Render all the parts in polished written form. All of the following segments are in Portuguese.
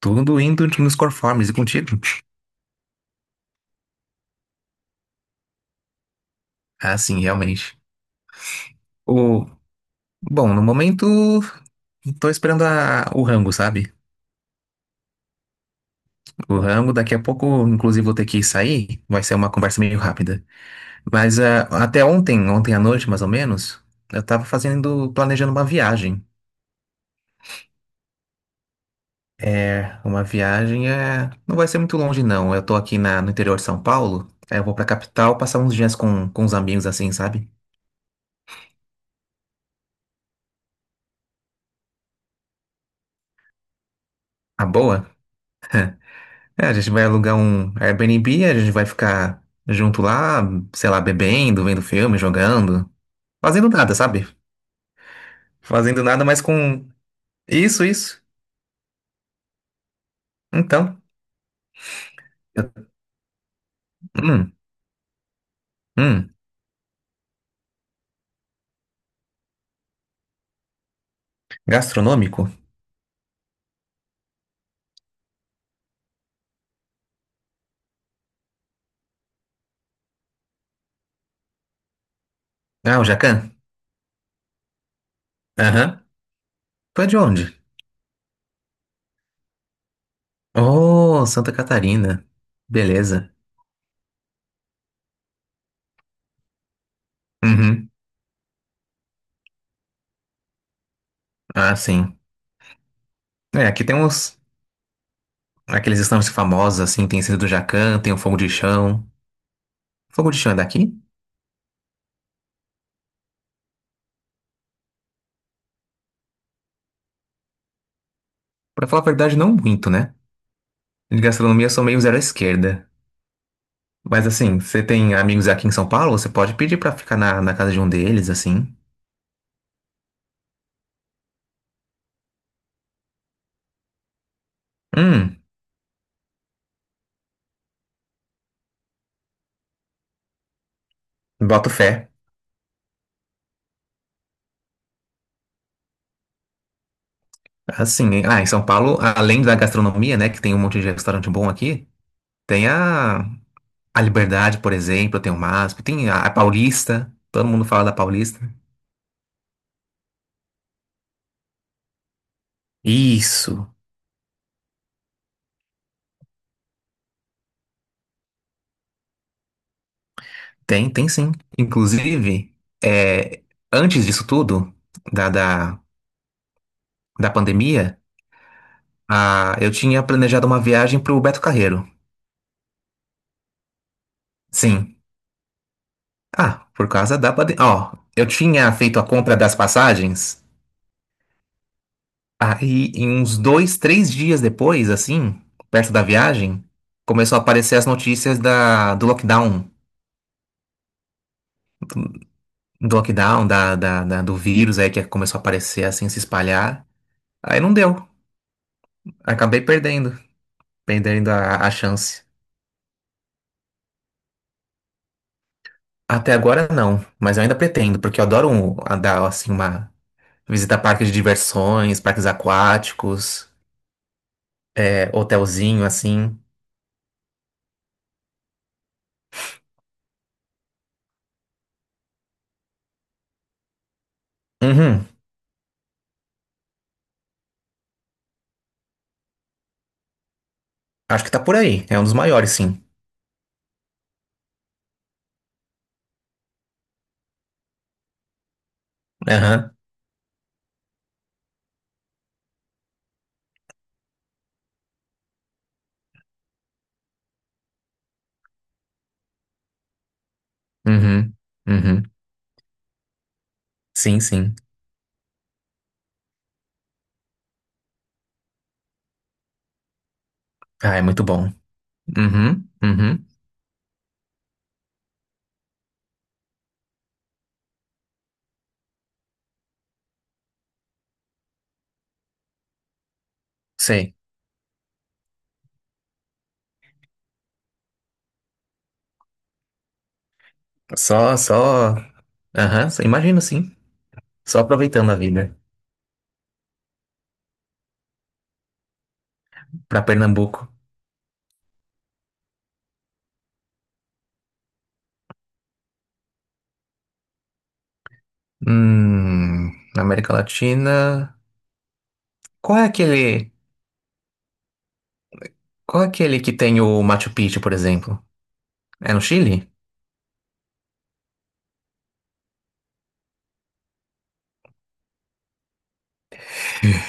Tudo indo nos conformes e contigo? Ah, sim, realmente. O... Bom, no momento, tô esperando o rango, sabe? O rango, daqui a pouco, inclusive, vou ter que sair. Vai ser uma conversa meio rápida. Mas até ontem, ontem à noite, mais ou menos, eu tava fazendo, planejando uma viagem. É, uma viagem é... Não vai ser muito longe, não. Eu tô aqui no interior de São Paulo. Aí eu vou pra capital passar uns dias com os amigos, assim, sabe? A boa. É, a gente vai alugar um Airbnb, a gente vai ficar junto lá, sei lá, bebendo, vendo filme, jogando, fazendo nada, sabe? Fazendo nada, mas com isso, isso. Então, eu- hum, hum, gastronômico? Ah, o Jacan? Aham. Tu é de onde? Oh, Santa Catarina. Beleza. Uhum. Ah, sim. É, aqui tem uns, aqueles estandes famosos, assim, tem esse do Jacan, tem o Fogo de Chão. Fogo de Chão é daqui? Pra falar a verdade, não muito, né? De gastronomia, eu sou meio zero à esquerda. Mas assim, você tem amigos aqui em São Paulo? Você pode pedir pra ficar na casa de um deles, assim. Hum, boto fé. Assim, em São Paulo, além da gastronomia, né, que tem um monte de restaurante bom aqui, tem a Liberdade, por exemplo, tem o MASP, tem a Paulista, todo mundo fala da Paulista. Isso, tem, tem sim. Inclusive, é, antes disso tudo, da, da, da pandemia, a, eu tinha planejado uma viagem pro Beto Carreiro. Sim. Ah, por causa da pandemia. Ó, eu tinha feito a compra das passagens, aí em uns dois, três dias depois, assim, perto da viagem, começou a aparecer as notícias do lockdown. Do lockdown, do vírus aí que começou a aparecer, assim, se espalhar. Aí não deu. Acabei perdendo. Perdendo a chance. Até agora não, mas eu ainda pretendo, porque eu adoro a dar, assim, uma visita a parques de diversões, parques aquáticos, é, hotelzinho, assim. Uhum. Acho que tá por aí. É um dos maiores, sim. Aham. Uhum. Uhum. Sim, sim. Ah, é muito bom. Uhum. Uhum. Sei. Só, só. Aham. Imagino, sim. Só aproveitando a vida. Pra Pernambuco. Hum. Na América Latina. Qual é aquele. Qual é aquele que tem o Machu Picchu, por exemplo? É no Chile?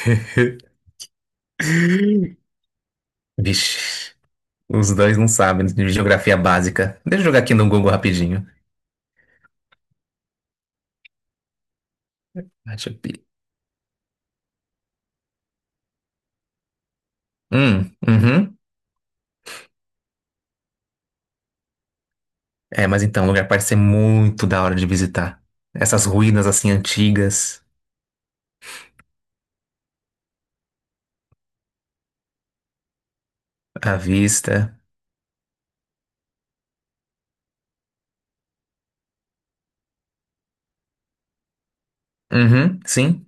Vixe. Os dois não sabem de geografia básica. Deixa eu jogar aqui no Google rapidinho. Machu Picchu. Hum. Uhum. É, mas então, o lugar parece ser muito da hora de visitar. Essas ruínas assim antigas, à vista. Uhum, sim.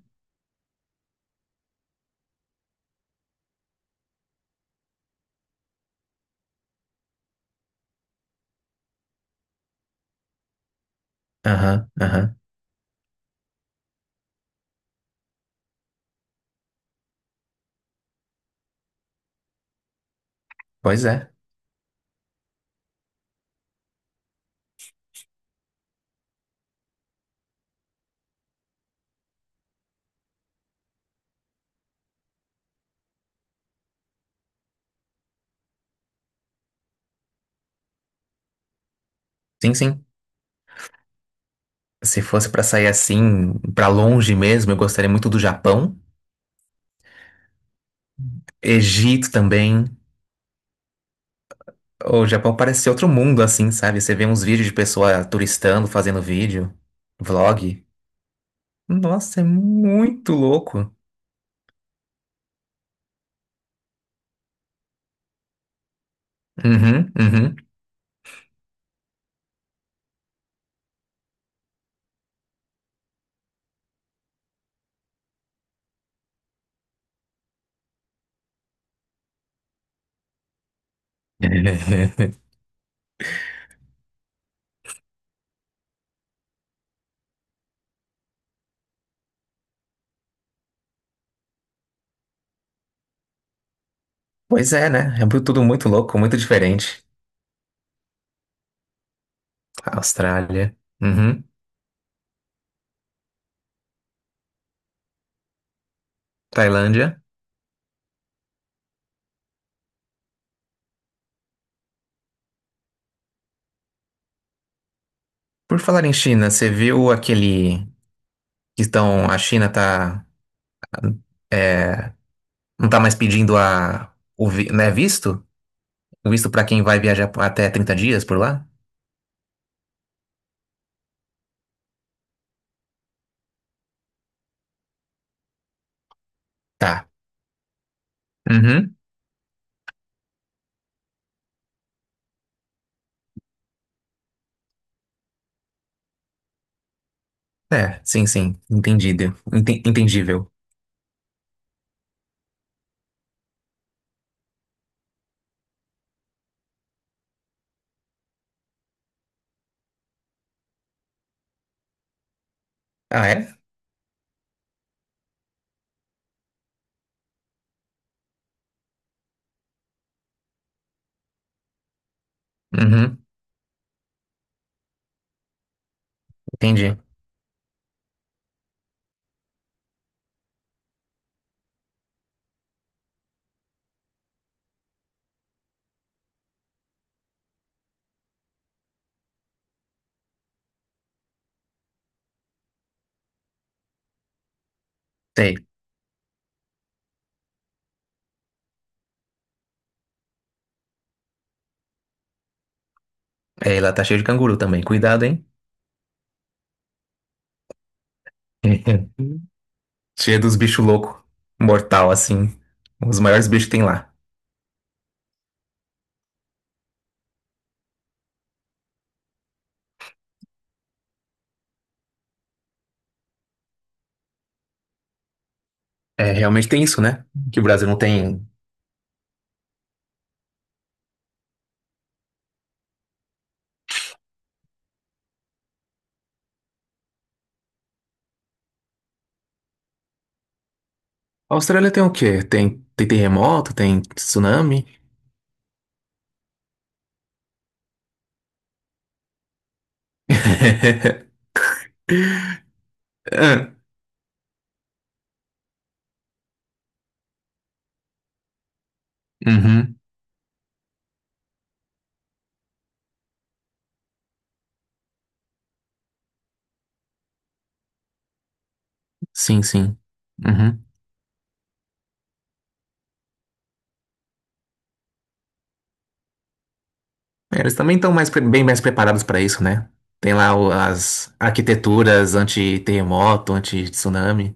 Aham, aham. Pois é. Sim, sim. Se fosse pra sair assim, pra longe mesmo, eu gostaria muito do Japão. Egito também. O Japão parece ser outro mundo assim, sabe? Você vê uns vídeos de pessoa turistando, fazendo vídeo, vlog. Nossa, é muito louco. Uhum, uhum. Pois é, né? É tudo muito louco, muito diferente. Austrália. Uhum. Tailândia. Por falar em China, você viu aquele que estão, a China tá, é, não tá mais pedindo né, visto? O visto para quem vai viajar até 30 dias por lá? Tá. Uhum. É, sim, sim. Entendido. Entendível. Ah, é? Uhum. Entendi. Sei. É, e lá tá cheio de canguru também. Cuidado, hein? Cheio dos bichos loucos. Mortal, assim. Os maiores bichos que tem lá. É, realmente tem isso, né? Que o Brasil não tem. A Austrália tem o quê? Tem, tem terremoto? Tem tsunami? Ah, Uhum. Sim, sim. Uhum. É, eles também estão mais, bem mais preparados para isso, né? Tem lá as arquiteturas anti-terremoto, anti-tsunami.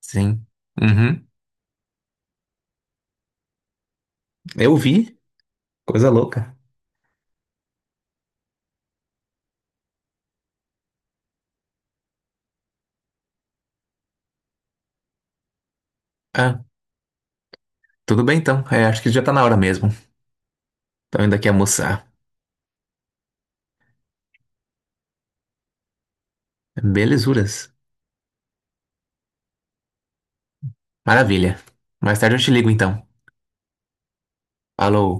Sim. Uhum. Eu vi. Coisa louca. Ah, tudo bem então. É, acho que já tá na hora mesmo. Tô indo aqui almoçar. Belezuras. Maravilha. Mais tarde eu te ligo então. Falou.